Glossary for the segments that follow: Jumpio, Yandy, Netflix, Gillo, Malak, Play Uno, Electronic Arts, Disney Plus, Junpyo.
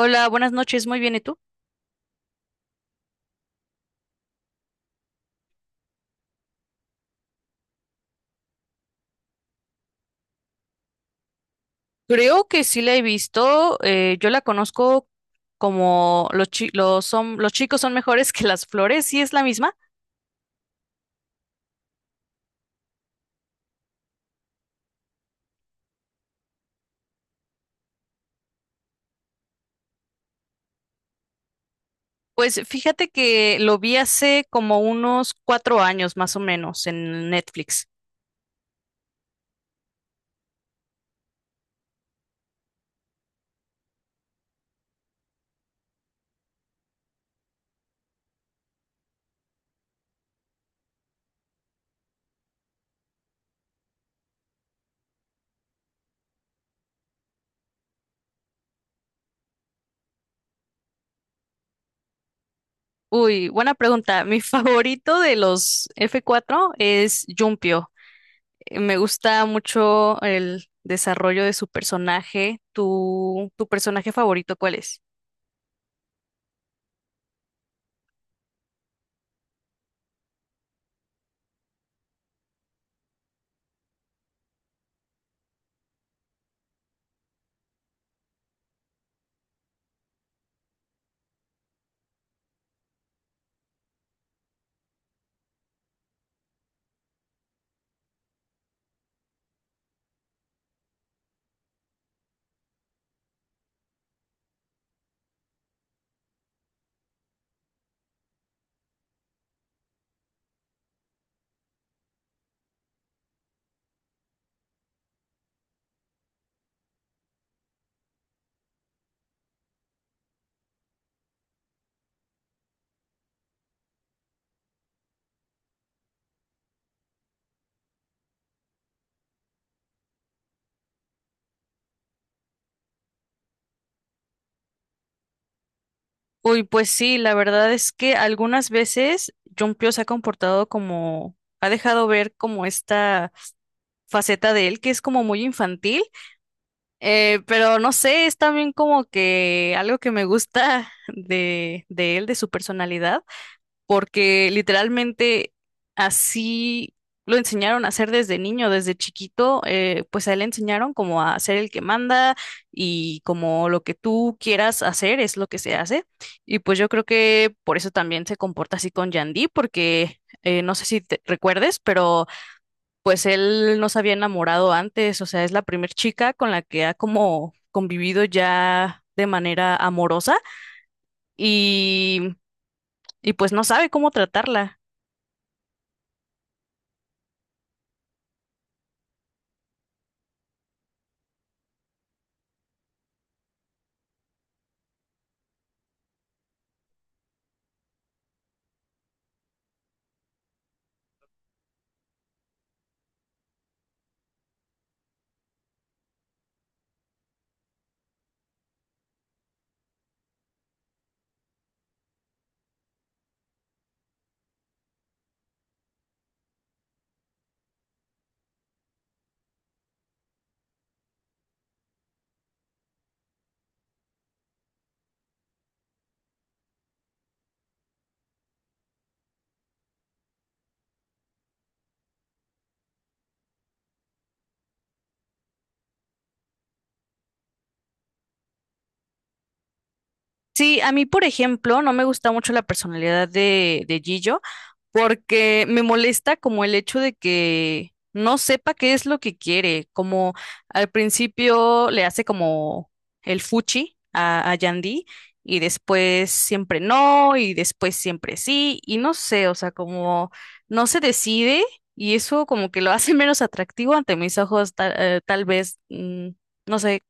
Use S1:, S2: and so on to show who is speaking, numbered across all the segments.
S1: Hola, buenas noches, muy bien, ¿y tú? Creo que sí la he visto, yo la conozco como los chicos son mejores que las flores, ¿sí es la misma? Pues fíjate que lo vi hace como unos cuatro años más o menos en Netflix. Uy, buena pregunta. Mi favorito de los f cuatro es Jumpio. Me gusta mucho el desarrollo de su personaje. ¿Tu personaje favorito cuál es? Uy, pues sí, la verdad es que algunas veces Jumpio se ha comportado como, ha dejado ver como esta faceta de él que es como muy infantil, pero no sé, es también como que algo que me gusta de él, de su personalidad, porque literalmente así lo enseñaron a hacer desde niño, desde chiquito, pues a él le enseñaron como a ser el que manda y como lo que tú quieras hacer es lo que se hace. Y pues yo creo que por eso también se comporta así con Yandy, porque no sé si te recuerdes, pero pues él no se había enamorado antes, o sea, es la primer chica con la que ha como convivido ya de manera amorosa y, y pues no sabe cómo tratarla. Sí, a mí, por ejemplo, no me gusta mucho la personalidad de Gillo, porque me molesta como el hecho de que no sepa qué es lo que quiere, como al principio le hace como el fuchi a Yandy y después siempre no y después siempre sí y no sé, o sea, como no se decide y eso como que lo hace menos atractivo ante mis ojos, tal vez, no sé.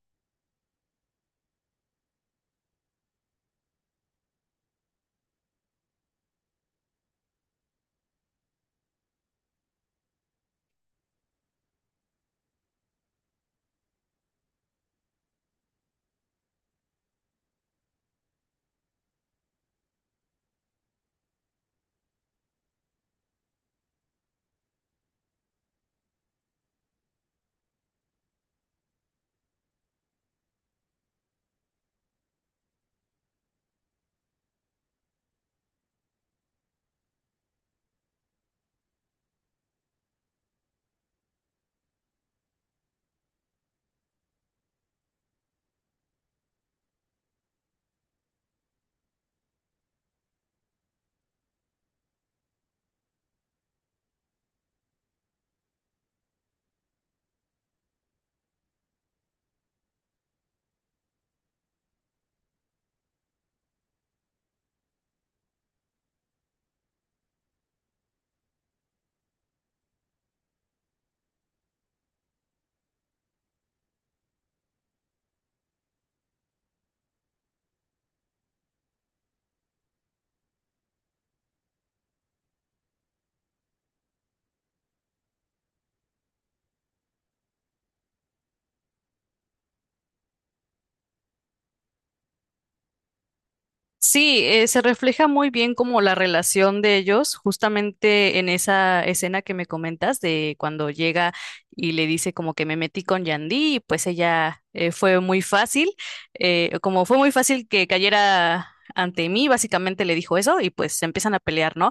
S1: Sí, se refleja muy bien como la relación de ellos, justamente en esa escena que me comentas de cuando llega y le dice como que me metí con Yandy, y pues ella fue muy fácil, como fue muy fácil que cayera ante mí, básicamente le dijo eso y pues se empiezan a pelear, ¿no?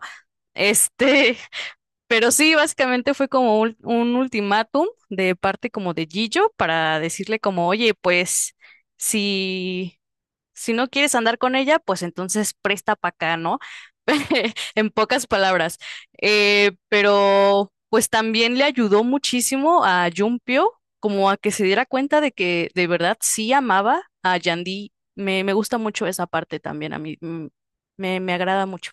S1: Este, pero sí, básicamente fue como un ultimátum de parte como de Gillo para decirle como, oye, pues... Si si no quieres andar con ella, pues entonces presta para acá, ¿no? En pocas palabras. Pero pues también le ayudó muchísimo a Jumpio como a que se diera cuenta de que de verdad sí amaba a Yandy. Me gusta mucho esa parte también, a mí, me agrada mucho.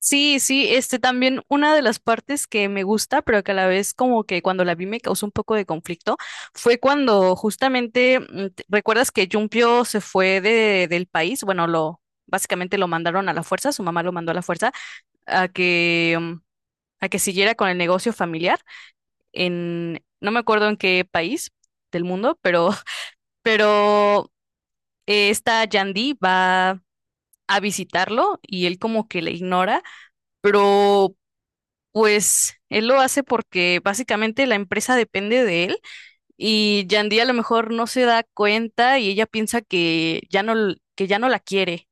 S1: Sí, sí, este también una de las partes que me gusta, pero que a la vez como que cuando la vi me causó un poco de conflicto, fue cuando justamente, ¿recuerdas que Jumpio se fue del país? Bueno, lo básicamente lo mandaron a la fuerza, su mamá lo mandó a la fuerza a que a que siguiera con el negocio familiar en no me acuerdo en qué país del mundo, pero pero esta Yandy va a visitarlo y él como que le ignora, pero pues él lo hace porque básicamente la empresa depende de él y Yandy a lo mejor no se da cuenta y ella piensa que ya no, que ya no la quiere.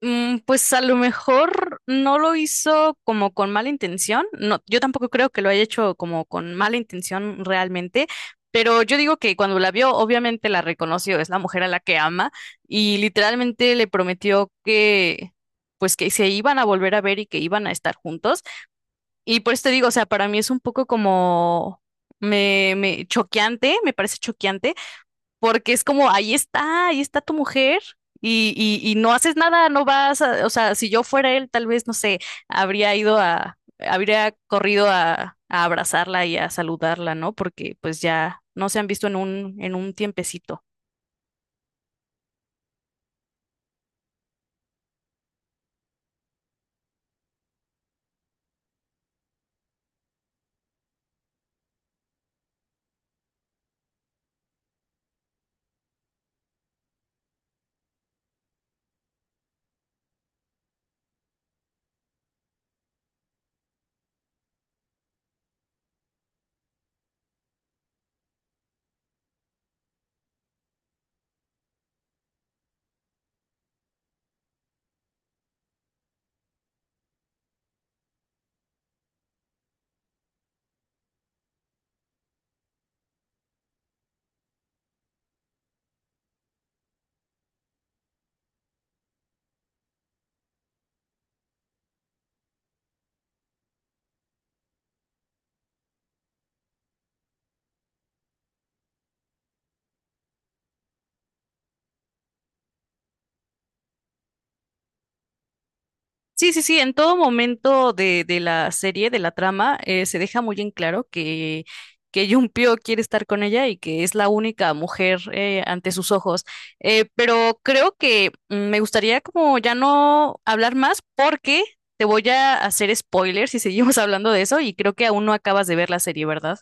S1: Pues a lo mejor no lo hizo como con mala intención. No, yo tampoco creo que lo haya hecho como con mala intención realmente, pero yo digo que cuando la vio, obviamente la reconoció, es la mujer a la que ama y literalmente le prometió que pues que se iban a volver a ver y que iban a estar juntos. Y por eso te digo, o sea, para mí es un poco como, me choqueante, me parece choqueante, porque es como, ahí está tu mujer. Y no haces nada, no vas a- o sea, si yo fuera él, tal vez, no sé, habría ido a, habría corrido a abrazarla y a saludarla, ¿no? Porque pues ya no se han visto en en un tiempecito. Sí, sí, sí, en todo momento de la serie, de la trama, se deja muy en claro que Junpyo quiere estar con ella y que es la única mujer, ante sus ojos. Pero creo que me gustaría como ya no hablar más porque te voy a hacer spoilers si seguimos hablando de eso y creo que aún no acabas de ver la serie, ¿verdad?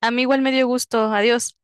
S1: A mí igual me dio gusto. Adiós.